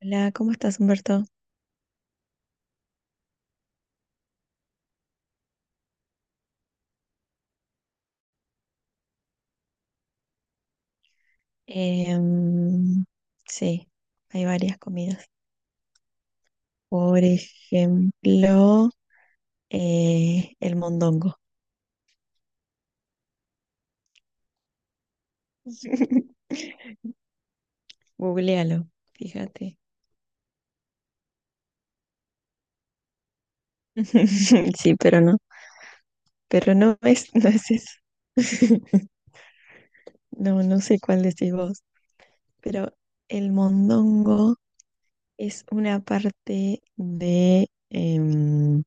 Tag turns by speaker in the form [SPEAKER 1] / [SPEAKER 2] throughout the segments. [SPEAKER 1] Hola, ¿cómo estás, Humberto? Em, sí, hay varias comidas. Por ejemplo, el mondongo. Googlealo, fíjate. Sí, pero no, no es eso. No, no sé cuál decís vos, pero el mondongo es una parte de,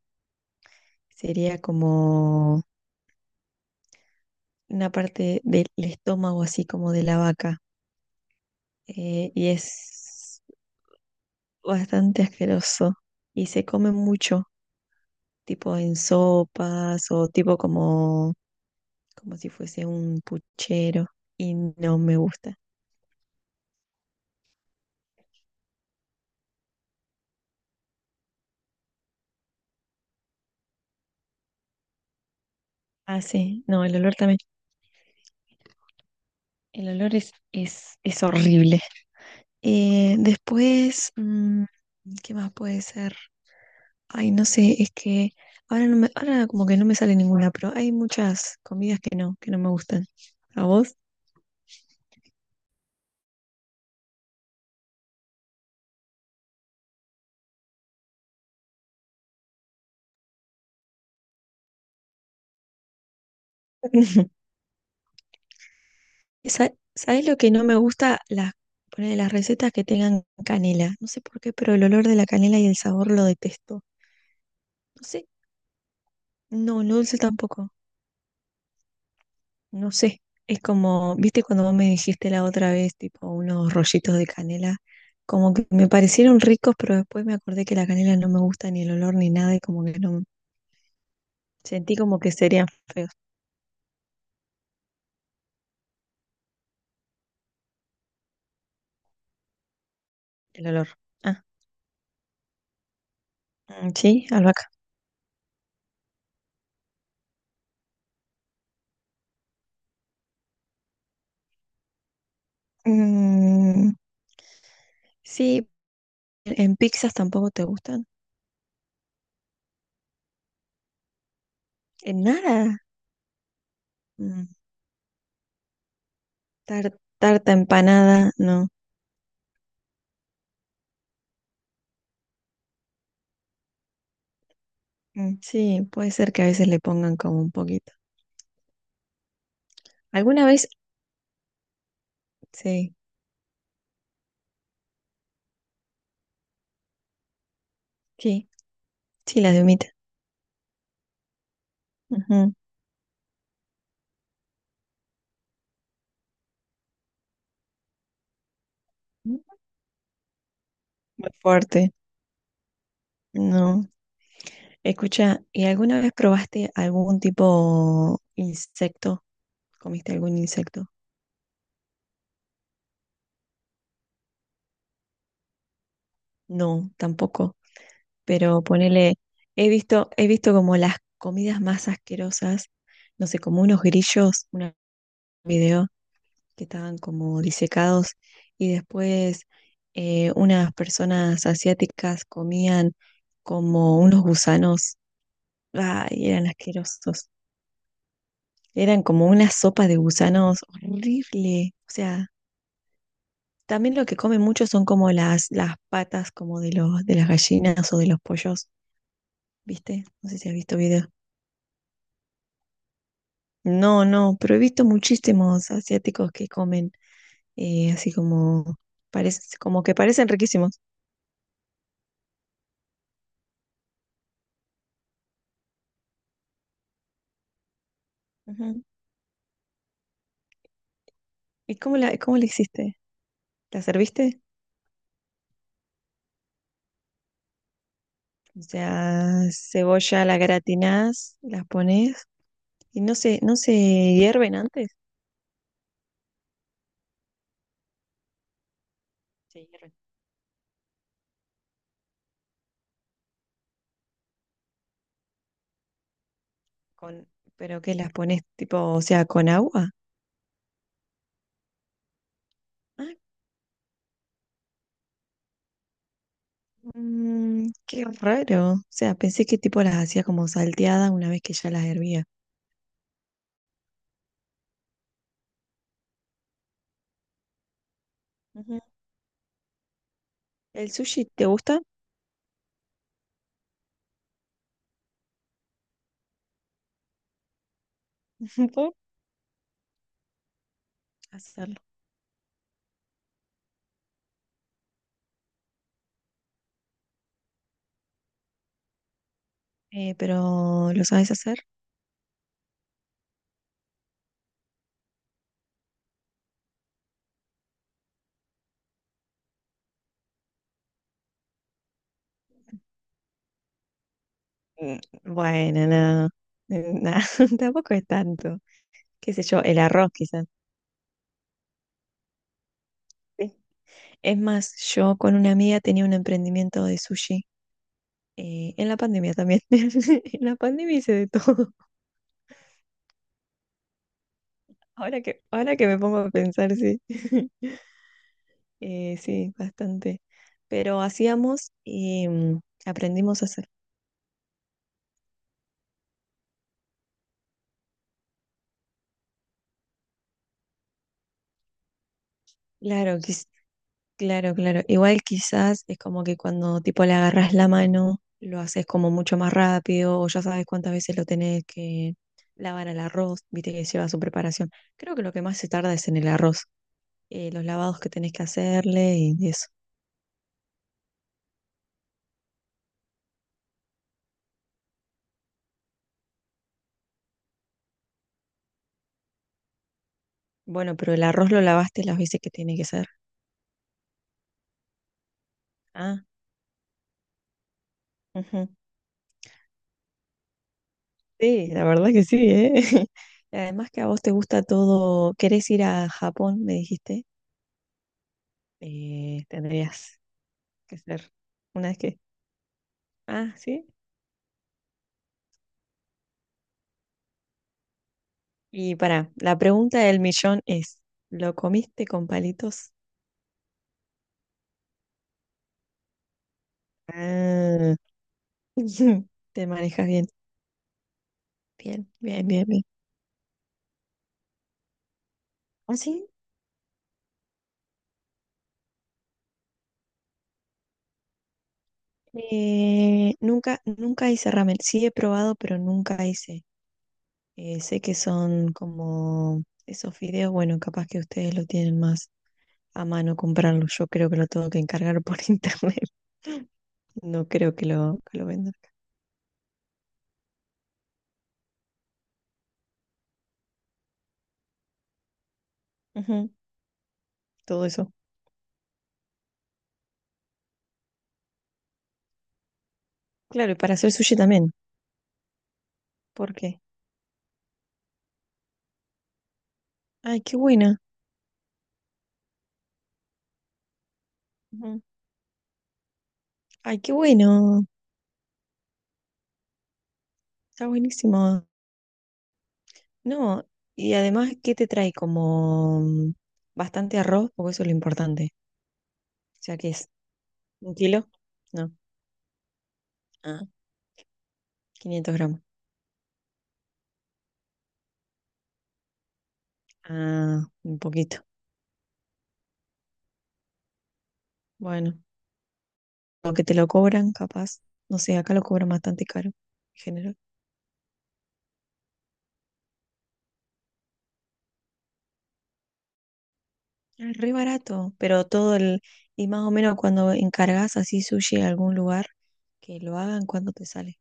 [SPEAKER 1] sería como una parte del estómago, así como de la vaca. Y es bastante asqueroso y se come mucho, tipo en sopas o tipo como si fuese un puchero y no me gusta. Ah, sí, no, el olor también. El olor es horrible. Después, mm, ¿qué más puede ser? Ay, no sé, es que ahora como que no me sale ninguna, pero hay muchas comidas que no me gustan. ¿A vos? ¿Sa- sabes lo que no me gusta? Ponele, las recetas que tengan canela. No sé por qué, pero el olor de la canela y el sabor lo detesto. No sé. No, lo dulce tampoco. No sé. Es como, viste cuando vos me dijiste la otra vez, tipo unos rollitos de canela, como que me parecieron ricos, pero después me acordé que la canela no me gusta ni el olor ni nada y como que no, sentí como que serían feos el olor. Ah, mm, sí, albahaca. Mm, sí, en pizzas tampoco te gustan. En nada. Mm, tar- tarta empanada, no. Mm, sí, puede ser que a veces le pongan como un poquito. ¿Alguna vez? Sí, sí, sí, las de humita. Ujú. Muy fuerte. No. Escucha, ¿y alguna vez probaste algún tipo insecto? ¿Comiste algún insecto? No, tampoco. Pero ponele, he visto como las comidas más asquerosas, no sé, como unos grillos, un video que estaban como disecados y después unas personas asiáticas comían como unos gusanos, ay, eran asquerosos, eran como una sopa de gusanos horrible, o sea, también lo que comen mucho son como las patas como de de las gallinas o de los pollos, ¿viste? No sé si has visto videos. No, no, pero he visto muchísimos asiáticos que comen eh, así como, parece, como que parecen riquísimos. Ujú. ¿Y cómo cómo la hiciste? ¿La serviste? O sea, cebolla la gratinás, las pones y no se hierven antes. Se hierven. Con, pero ¿qué las pones tipo, o sea, con agua? Ah, mm, qué raro. O sea, pensé que tipo las hacía como salteadas una vez que ya las hervía. Ujú. ¿El sushi te gusta? Puedo hacerlo. Pero ¿lo sabes hacer? Mm, bueno, no. Nah, tampoco es tanto. Qué sé yo, el arroz quizás. Es más, yo con una amiga tenía un emprendimiento de sushi, en la pandemia también. En la pandemia hice de todo. Ahora que me pongo a pensar, sí. Sí, bastante. Pero hacíamos y mm, aprendimos a hacer. Claro, quiz- claro, claro. Igual quizás es como que cuando tipo le agarras la mano, lo haces como mucho más rápido, o ya sabes cuántas veces lo tenés que lavar al arroz, viste que lleva su preparación. Creo que lo que más se tarda es en el arroz. Eh, los lavados que tenés que hacerle y eso. Bueno, pero el arroz lo lavaste las veces que tiene que ser. Ah, ujú. Sí, la verdad que sí, ¿eh? Y además que a vos te gusta todo, querés ir a Japón, me dijiste, tendrías que ser una vez que... Ah, sí. Y para, la pregunta del millón es, ¿lo comiste con palitos? Ah, te manejas bien. Bien, bien, bien, bien. ¿Ah, sí? Nunca hice ramen. Sí he probado, pero nunca hice. Sé que son como esos fideos, bueno, capaz que ustedes lo tienen más a mano comprarlo. Yo creo que lo tengo que encargar por internet. No creo que que lo vendan acá. Ujú, todo eso. Claro, y para hacer sushi también. ¿Por qué? Ay, qué buena. Ujú. Ay, qué bueno. Está buenísimo. No, y además, ¿qué te trae? Como mm, bastante arroz, porque eso es lo importante. O sea, que ¿un kilo? No. Ah, 500 gramos. Ah, un poquito. Bueno, aunque te lo cobran, capaz. No sé, acá lo cobran bastante caro, en general. Ah, re barato, pero todo el... Y más o menos cuando encargas así sushi a algún lugar, que lo hagan cuando te sale.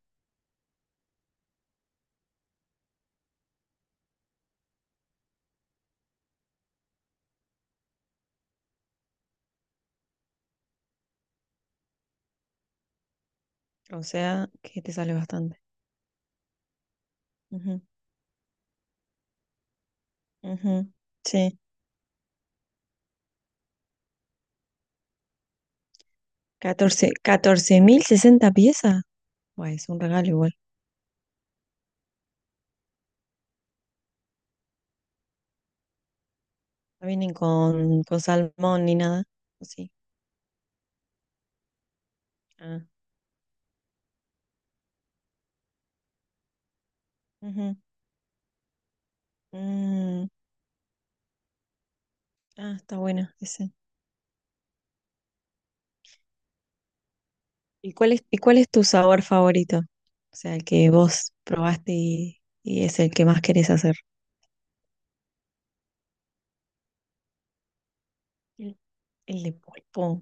[SPEAKER 1] O sea, que te sale bastante. Ujú, ujú, sí. 14, 14.000 60 piezas. Bueno, es un regalo igual. No vienen con salmón ni nada. ¿O sí? Ah. Ujú. Mm. Ah, está bueno ese. ¿Y cuál y cuál es tu sabor favorito? O sea, el que vos probaste y es el que más querés hacer. El, el de pulpo.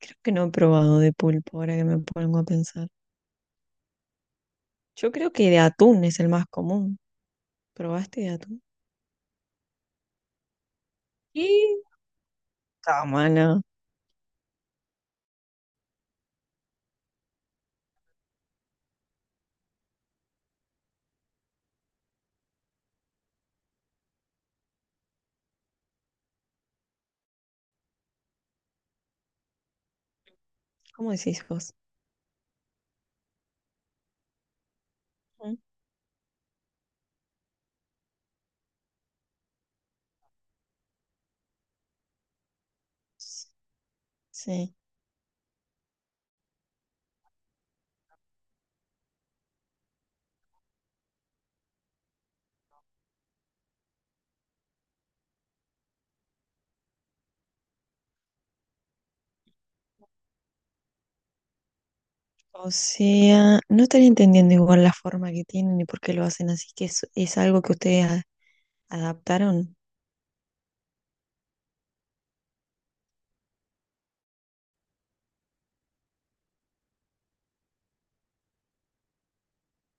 [SPEAKER 1] Creo que no he probado de pulpo, ahora que me pongo a pensar. Yo creo que de atún es el más común. ¿Probaste de atún? Y cámara. ¿Cómo decís vos? Mm. Sí. O sea, no estaría entendiendo igual la forma que tienen y por qué lo hacen así, es algo que ustedes a- adaptaron.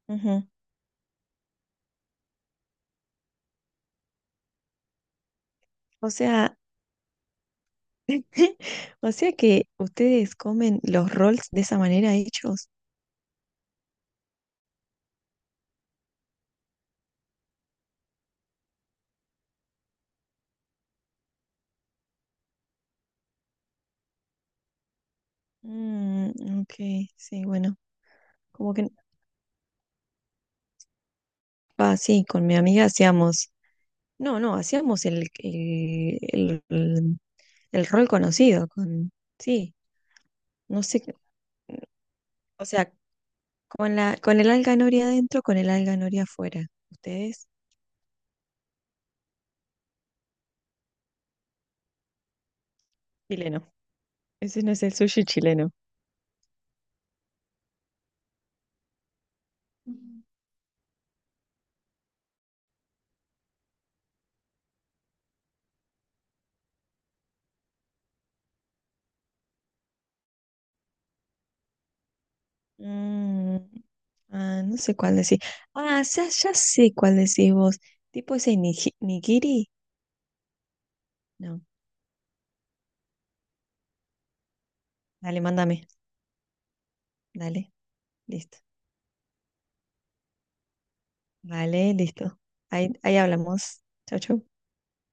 [SPEAKER 1] Ujú. O sea, o sea que ustedes comen los rolls de esa manera hechos. Mm, ok, sí, bueno, como que... Ah, sí, con mi amiga hacíamos... No, no, hacíamos el rol conocido, con... Sí, no sé, qué- o sea, con con el alga noria adentro, con el alga noria afuera. Ustedes, chileno. Ese no es el sushi chileno. Mm, ah, no sé cuál decís. Ah, ya, ya sé cuál decís vos. Tipo ese niji- nigiri. No, dale, mándame. Dale, listo. Vale, listo. Ahí hablamos. Chau, chau.